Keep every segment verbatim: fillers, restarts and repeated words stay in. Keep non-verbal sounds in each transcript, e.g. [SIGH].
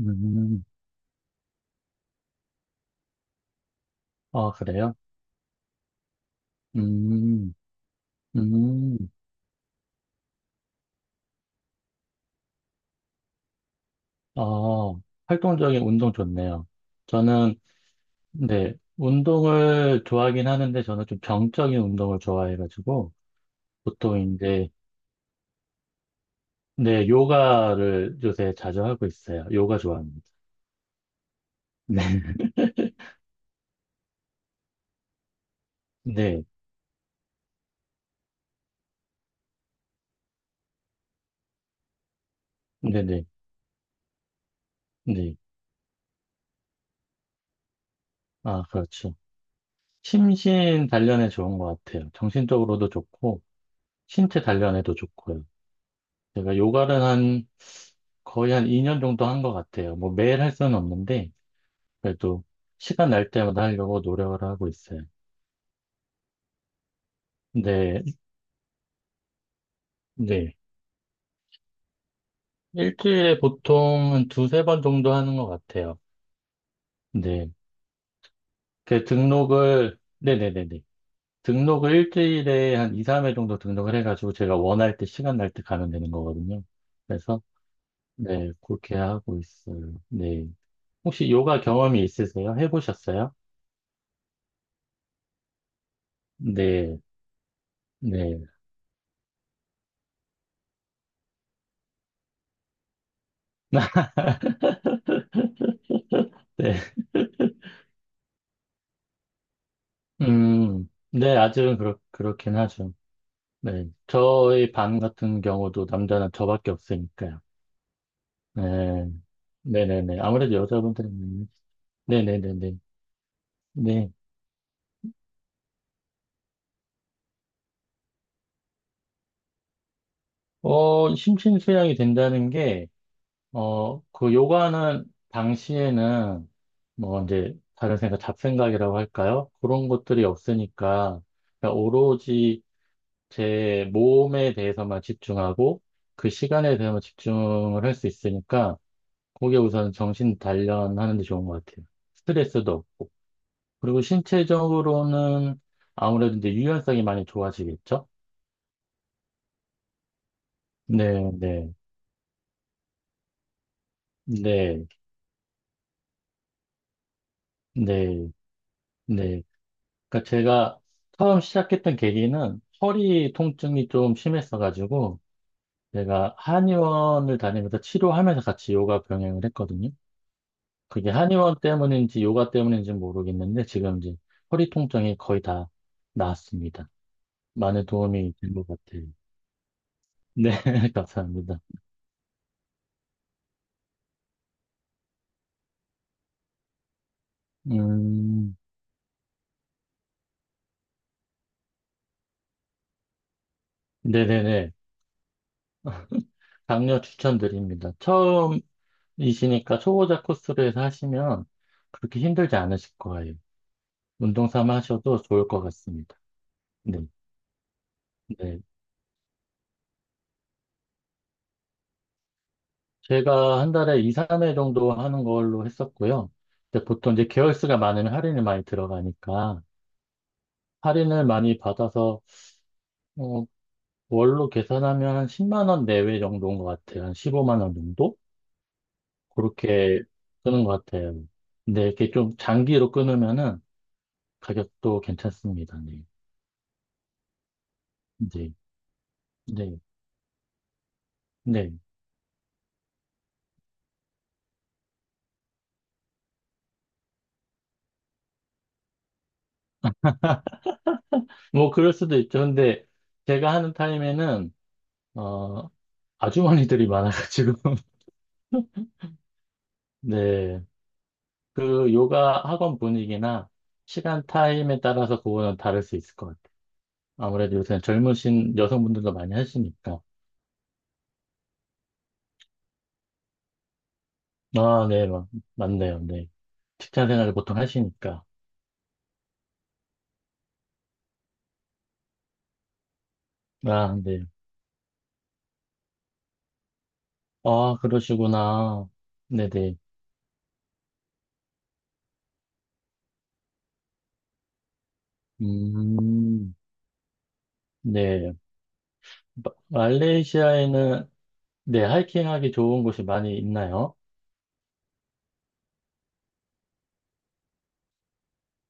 음, 아, 그래요? 음, 음, 아, 활동적인 운동 좋네요. 저는, 네, 운동을 좋아하긴 하는데, 저는 좀 병적인 운동을 좋아해가지고, 보통 이제, 네, 요가를 요새 자주 하고 있어요. 요가 좋아합니다. 네, [LAUGHS] 네, 네, 네, 네. 아, 그렇죠. 심신 단련에 좋은 것 같아요. 정신적으로도 좋고, 신체 단련에도 좋고요. 제가 요가를 한 거의 한 이 년 정도 한 것 같아요. 뭐 매일 할 수는 없는데 그래도 시간 날 때마다 하려고 노력을 하고 있어요. 네, 네. 일주일에 보통 한 두세 번 정도 하는 것 같아요. 네. 그 등록을 네네네네. 등록을 일주일에 한 이, 삼 회 정도 등록을 해가지고 제가 원할 때 시간 날 때 가면 되는 거거든요. 그래서 네, 그렇게 하고 있어요. 네. 혹시 요가 경험이 있으세요? 해보셨어요? 네. 네. [LAUGHS] [LAUGHS] 네. 음, 네, 아직은 그렇, 그렇긴 하죠. 네. 저희 반 같은 경우도 남자는 저밖에 없으니까요. 네. 네네네. 아무래도 여자분들이 많이 네네네네. 네. 어, 심신수양이 된다는 게, 어, 그 요가는 당시에는 뭐 이제 다른 생각, 잡생각이라고 할까요? 그런 것들이 없으니까 그러니까 오로지 제 몸에 대해서만 집중하고 그 시간에 대해서만 집중을 할 수 있으니까 그게 우선 정신 단련하는 데 좋은 것 같아요. 스트레스도 없고. 그리고 신체적으로는 아무래도 이제 유연성이 많이 좋아지겠죠? 네, 네, 네, 네, 네. 그러니까 제가 처음 시작했던 계기는 허리 통증이 좀 심했어가지고 제가 한의원을 다니면서 치료하면서 같이 요가 병행을 했거든요. 그게 한의원 때문인지 요가 때문인지 모르겠는데 지금 이제 허리 통증이 거의 다 나았습니다. 많은 도움이 된 것 같아요. 네, [LAUGHS] 감사합니다. 음, 네네네. 강력 추천드립니다. 처음이시니까 초보자 코스로 해서 하시면 그렇게 힘들지 않으실 거예요. 운동 삼아 하셔도 좋을 것 같습니다. 네, 네. 제가 한 달에 이, 삼 회 정도 하는 걸로 했었고요. 근데 보통 이제 개월 수가 많으면 할인이 많이 들어가니까 할인을 많이 받아서 어, 월로 계산하면 한 십만 원 내외 정도인 것 같아요. 한 십오만 원 정도? 그렇게 끄는 것 같아요. 근데 이렇게 좀 장기로 끊으면은 가격도 괜찮습니다. 네. 네. 네. 네. 뭐 그럴 수도 있죠. 근데 제가 하는 타임에는 어, 아주머니들이 많아가지고 [LAUGHS] 네. 그 요가 학원 분위기나 시간 타임에 따라서 그거는 다를 수 있을 것 같아요. 아무래도 요새는 젊으신 여성분들도 많이 하시니까. 아, 네, 맞, 맞네요. 네. 직장 생활을 보통 하시니까. 아, 네. 아, 그러시구나. 네네. 음, 네. 마- 말레이시아에는, 네, 하이킹하기 좋은 곳이 많이 있나요?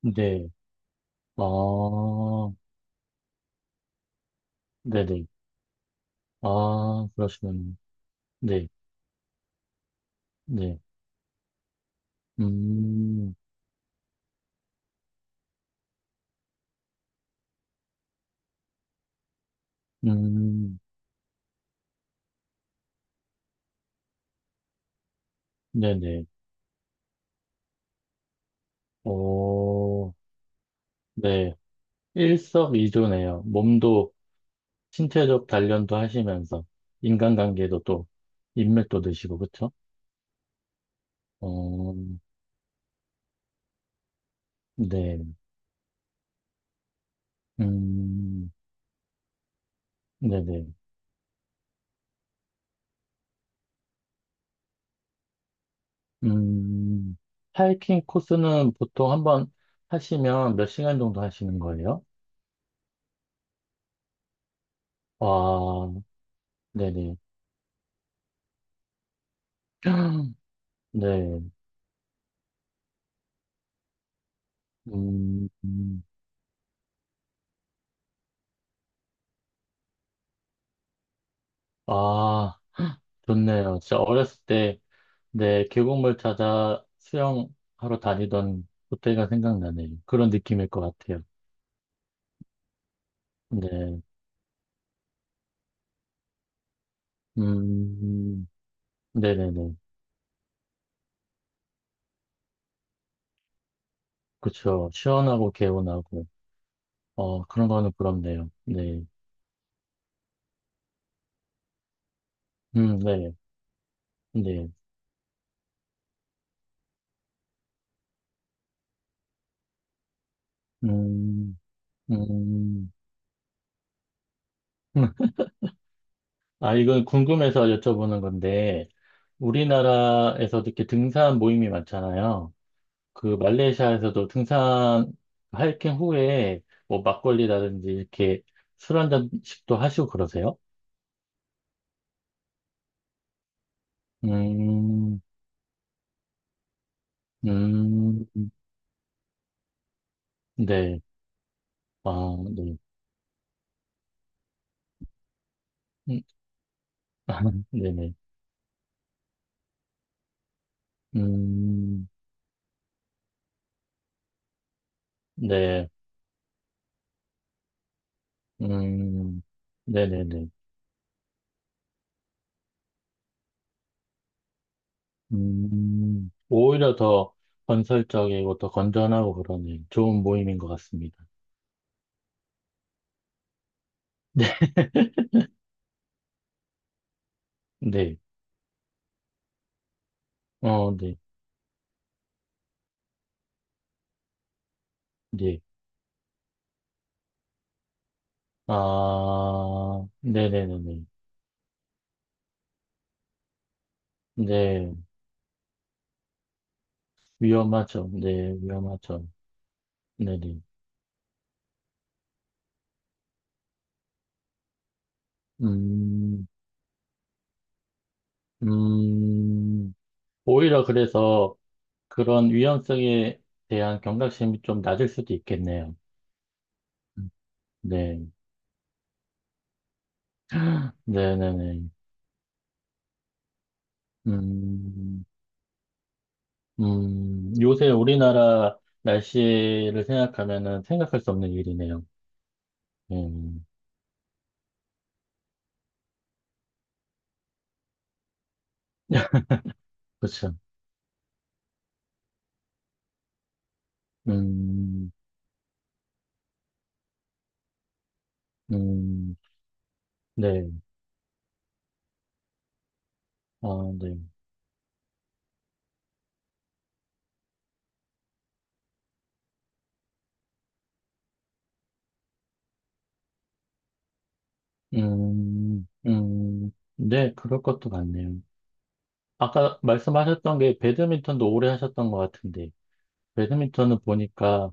네. 아, 네네. 아, 그러시면, 네, 네. 음, 음, 네네. 오, 네. 일석이조네요. 몸도 신체적 단련도 하시면서 인간관계도 또 인맥도 드시고 그쵸? 어, 네, 음, 네네, 음, 하이킹 코스는 보통 한번 하시면 몇 시간 정도 하시는 거예요? 와, 네네, [CLEARS THROAT] 네, 음, 음. 아, 좋네요. 진짜 어렸을 때, 네, 계곡물 찾아 수영하러 다니던 그때가 생각나네요. 그런 느낌일 것 같아요. 네. 음, 네네네. 그쵸. 시원하고 개운하고, 어, 그런 거는 부럽네요. 네. 음, 네. 네. 음, 음. [LAUGHS] 아, 이건 궁금해서 여쭤보는 건데, 우리나라에서 이렇게 등산 모임이 많잖아요. 그 말레이시아에서도 등산, 하이킹 후에 뭐 막걸리라든지 이렇게 술 한잔씩도 하시고 그러세요? 음, 음, 네. 아, 네. 음, [LAUGHS] 네네. 음, 네, 음, 네네네. 음, 오히려 더 건설적이고 더 건전하고 그러네. 좋은 모임인 것 같습니다. [LAUGHS] 네, 어, 네, 네. 아, 네네네네. 네, 위험하죠. 네, 위험하죠. 네네. 음, 음, 오히려 그래서 그런 위험성에 대한 경각심이 좀 낮을 수도 있겠네요. 네, 네네네. 음, 음, 요새 우리나라 날씨를 생각하면은 생각할 수 없는 일이네요. 음, [LAUGHS] 그렇죠. 음, 음, 네, 아, 네. 음, 음, 네, 그럴 것도 같네요. 아까 말씀하셨던 게 배드민턴도 오래 하셨던 것 같은데, 배드민턴은 보니까,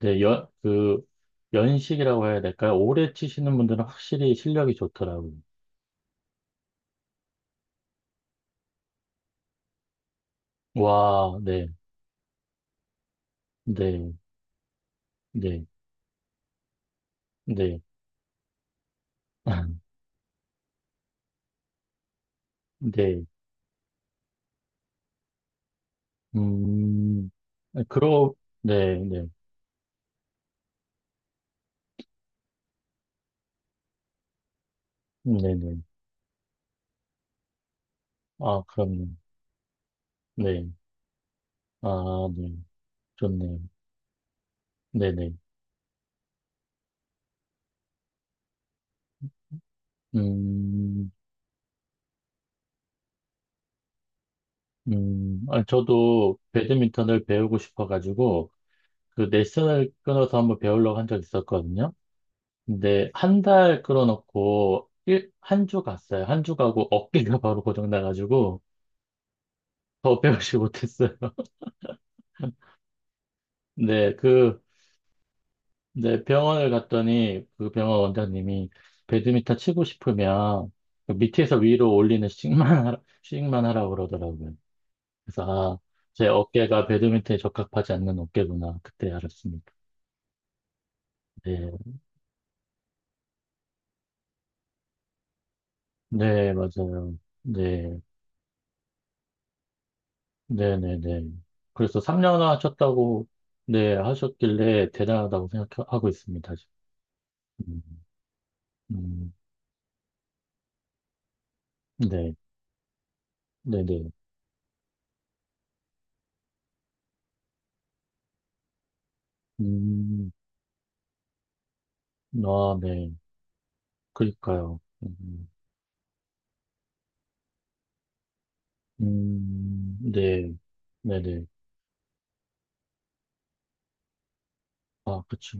네, 연, 그, 연식이라고 해야 될까요? 오래 치시는 분들은 확실히 실력이 좋더라고요. 와, 네, 네, 네, 네. [LAUGHS] 네. 음, 네, 그러, 네, 네. 네네. 아, 그럼요. 네. 아, 네. 좋네요. 네네. 음, 음, 아, 저도 배드민턴을 배우고 싶어가지고, 그 레슨을 끊어서 한번 배우려고 한 적 있었거든요. 근데 한 달 끊어놓고, 일, 한 주 갔어요. 한 주 가고 어깨가 바로 고장나가지고, 더 배우지 못했어요. [LAUGHS] 네, 그, 네, 병원을 갔더니 그 병원 원장님이 배드민턴 치고 싶으면 그 밑에서 위로 올리는 스윙만 하라, 스윙만 하라고 그러더라고요. 그래서 아, 제 어깨가 배드민턴에 적합하지 않는 어깨구나. 그때 알았습니다. 네, 네, 맞아요. 네, 네, 네, 네. 그래서 삼 년을 하셨다고, 네, 하셨길래 대단하다고 생각하고 있습니다. 지금. 음, 음, 네, 네, 네. 음, 아, 네. 그러니까요. 음. 음, 네, 네네. 아, 그쵸.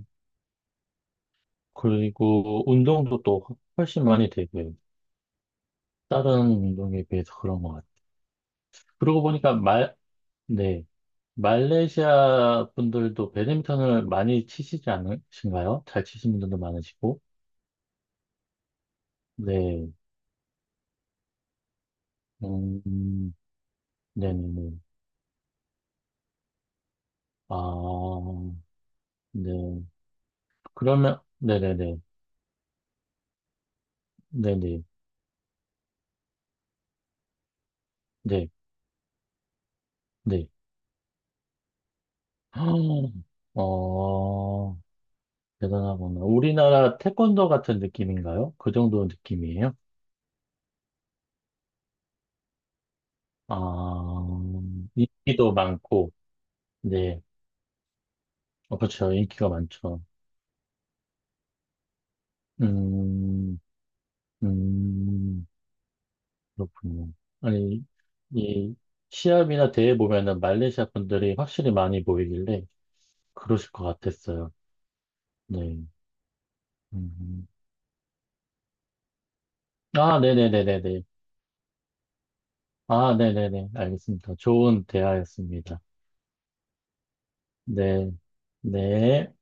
그리고 운동도 또 훨씬 많이 되고요. 다른 운동에 비해서 그런 것 같아요. 그러고 보니까 말, 네, 말레이시아 분들도 배드민턴을 많이 치시지 않으신가요? 잘 치시는 분들도 많으시고. 네, 음, 네네네. 아, 네. 그러면, 네네네. 네네. 네, 네. [GASPS] 어, 대단하구나. 우리나라 태권도 같은 느낌인가요? 그 정도 느낌이에요? 아, 인기도 많고, 네. 어, 그렇죠. 인기가 많죠. 음, 음, 그렇군요. 아니, 이 시합이나 대회 보면은 말레이시아 분들이 확실히 많이 보이길래 그러실 것 같았어요. 네. 음. 아, 네네네네네. 아, 네네네. 알겠습니다. 좋은 대화였습니다. 네. 네.